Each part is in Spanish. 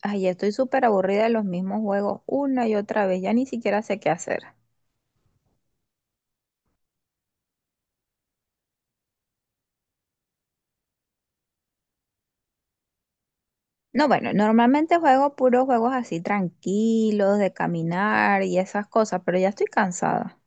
Ay, ya estoy súper aburrida de los mismos juegos una y otra vez, ya ni siquiera sé qué hacer. No, bueno, normalmente juego puros juegos así tranquilos, de caminar y esas cosas, pero ya estoy cansada.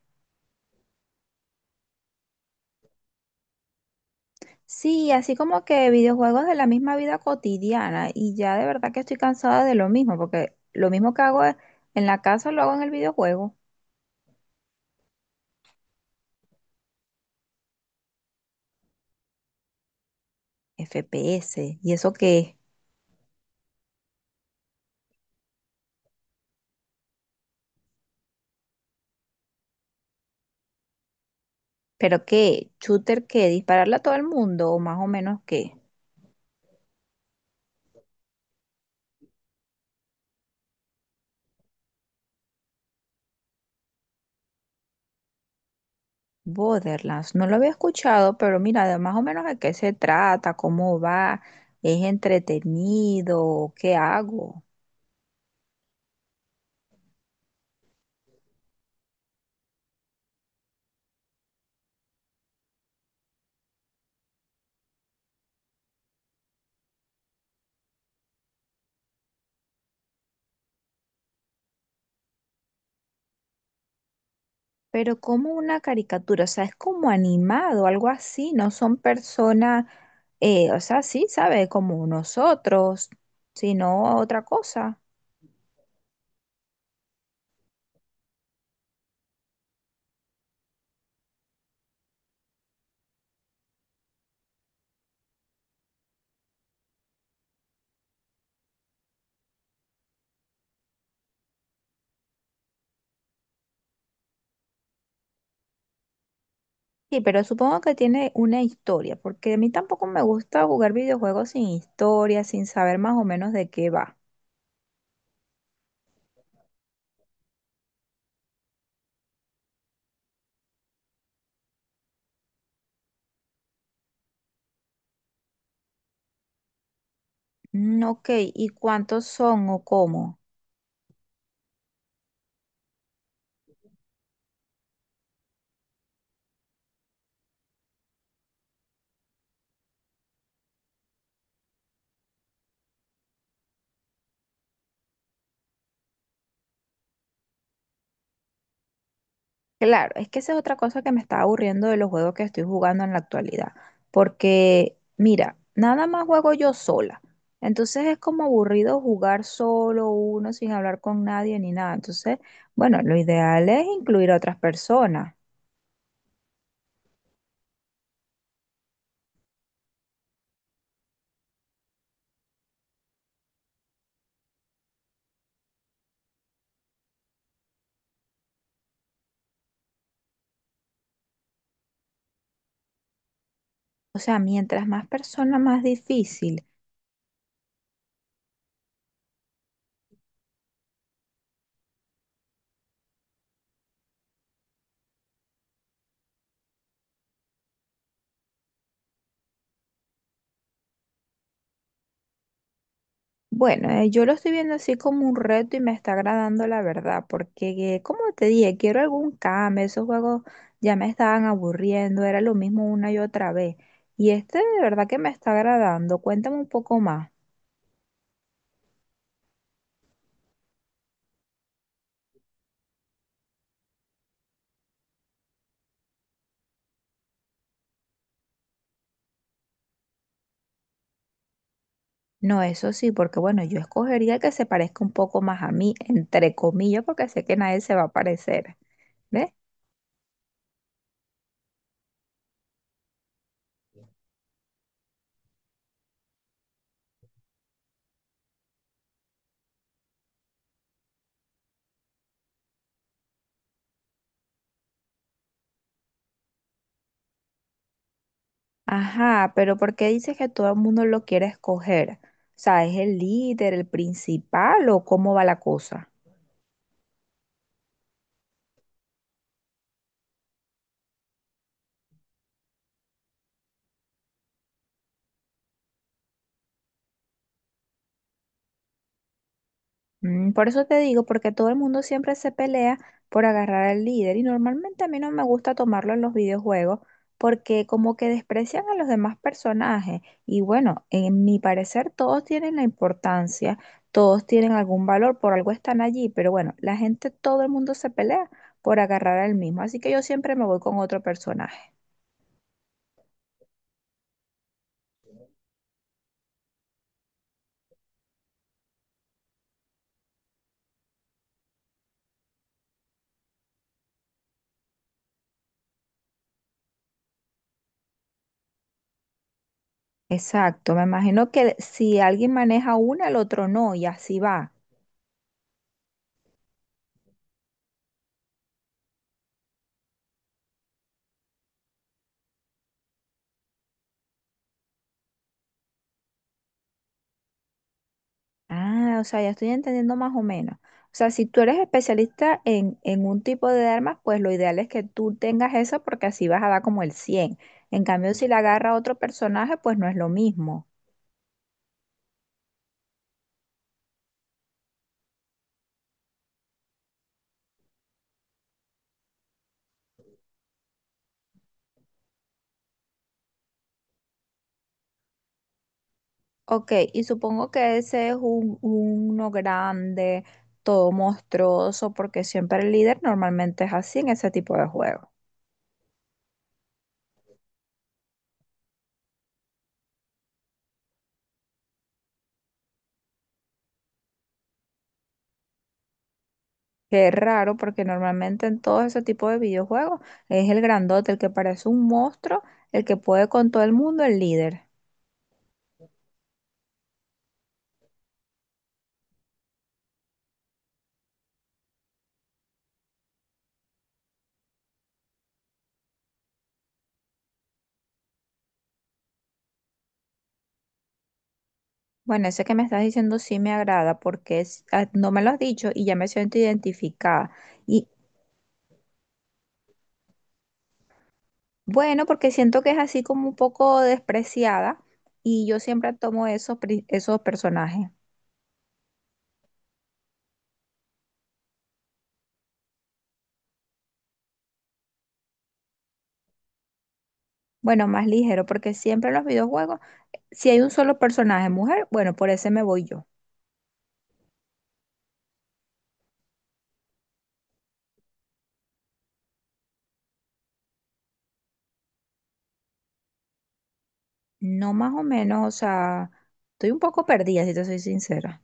Sí, así como que videojuegos de la misma vida cotidiana y ya de verdad que estoy cansada de lo mismo, porque lo mismo que hago en la casa lo hago en el videojuego. FPS, ¿y eso qué? ¿Pero qué? ¿Shooter qué? ¿Dispararle a todo el mundo o más o menos qué? Borderlands, no lo había escuchado, pero mira, de más o menos de qué se trata, cómo va, es entretenido, qué hago. Pero como una caricatura, o sea, es como animado, algo así, no son personas, o sea, sí, ¿sabes? Como nosotros, sino otra cosa. Sí, pero supongo que tiene una historia, porque a mí tampoco me gusta jugar videojuegos sin historia, sin saber más o menos de qué va. Mm, ok, ¿y cuántos son o cómo? Claro, es que esa es otra cosa que me está aburriendo de los juegos que estoy jugando en la actualidad, porque mira, nada más juego yo sola, entonces es como aburrido jugar solo uno sin hablar con nadie ni nada, entonces, bueno, lo ideal es incluir a otras personas, o sea, mientras más personas, más difícil. Bueno, yo lo estoy viendo así como un reto y me está agradando la verdad, porque como te dije, quiero algún cambio, esos juegos ya me estaban aburriendo, era lo mismo una y otra vez. Y este de verdad que me está agradando, cuéntame un poco más. No, eso sí, porque bueno, yo escogería el que se parezca un poco más a mí, entre comillas, porque sé que nadie se va a parecer, ¿ves? Ajá, pero ¿por qué dices que todo el mundo lo quiere escoger? O sea, ¿es el líder, el principal o cómo va la cosa? Mm, por eso te digo, porque todo el mundo siempre se pelea por agarrar al líder y normalmente a mí no me gusta tomarlo en los videojuegos porque como que desprecian a los demás personajes y bueno, en mi parecer todos tienen la importancia, todos tienen algún valor, por algo están allí, pero bueno, la gente, todo el mundo se pelea por agarrar al mismo, así que yo siempre me voy con otro personaje. Exacto, me imagino que si alguien maneja una, el otro no y así va. Ah, o sea, ya estoy entendiendo más o menos. O sea, si tú eres especialista en un tipo de armas, pues lo ideal es que tú tengas eso porque así vas a dar como el 100. En cambio, si la agarra otro personaje, pues no es lo mismo. Ok, y supongo que ese es un, uno grande, todo monstruoso, porque siempre el líder normalmente es así en ese tipo de juegos. Que es raro porque normalmente en todo ese tipo de videojuegos es el grandote, el que parece un monstruo, el que puede con todo el mundo, el líder. Bueno, ese que me estás diciendo sí me agrada porque es- ah, no me lo has dicho y ya me siento identificada. Y bueno, porque siento que es así como un poco despreciada y yo siempre tomo esos, pri- esos personajes. Bueno, más ligero, porque siempre en los videojuegos, si hay un solo personaje mujer, bueno, por ese me voy yo. No más o menos, o sea, estoy un poco perdida, si te soy sincera.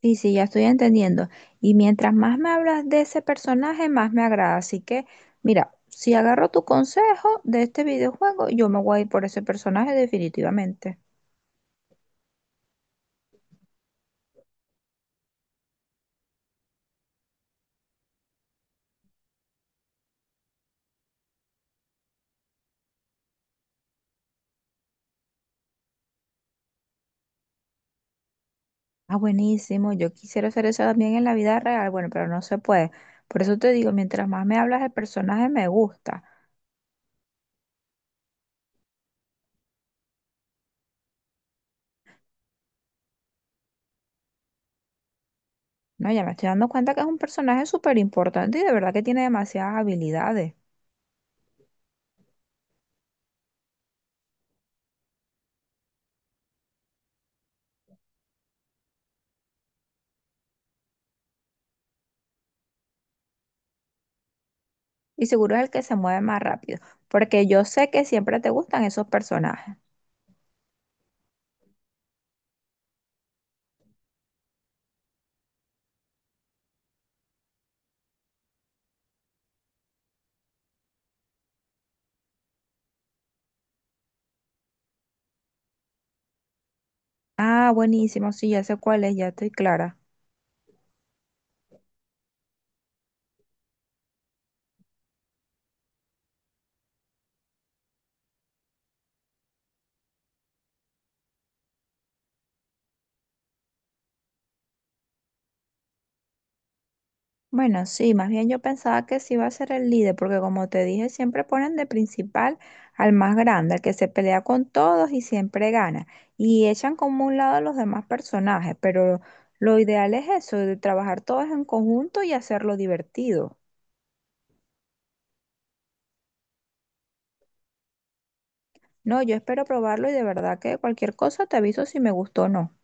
Sí, sí, ya estoy entendiendo. Y mientras más me hablas de ese personaje, más me agrada. Así que, mira, si agarro tu consejo de este videojuego, yo me voy a ir por ese personaje definitivamente. Ah, buenísimo. Yo quisiera hacer eso también en la vida real. Bueno, pero no se puede. Por eso te digo, mientras más me hablas, el personaje me gusta. No, ya me estoy dando cuenta que es un personaje súper importante y de verdad que tiene demasiadas habilidades. Y seguro es el que se mueve más rápido, porque yo sé que siempre te gustan esos personajes. Ah, buenísimo, sí, ya sé cuál es, ya estoy clara. Bueno, sí, más bien yo pensaba que sí iba a ser el líder, porque como te dije, siempre ponen de principal al más grande, al que se pelea con todos y siempre gana. Y echan como un lado a los demás personajes, pero lo ideal es eso, de trabajar todos en conjunto y hacerlo divertido. No, yo espero probarlo y de verdad que cualquier cosa te aviso si me gustó o no.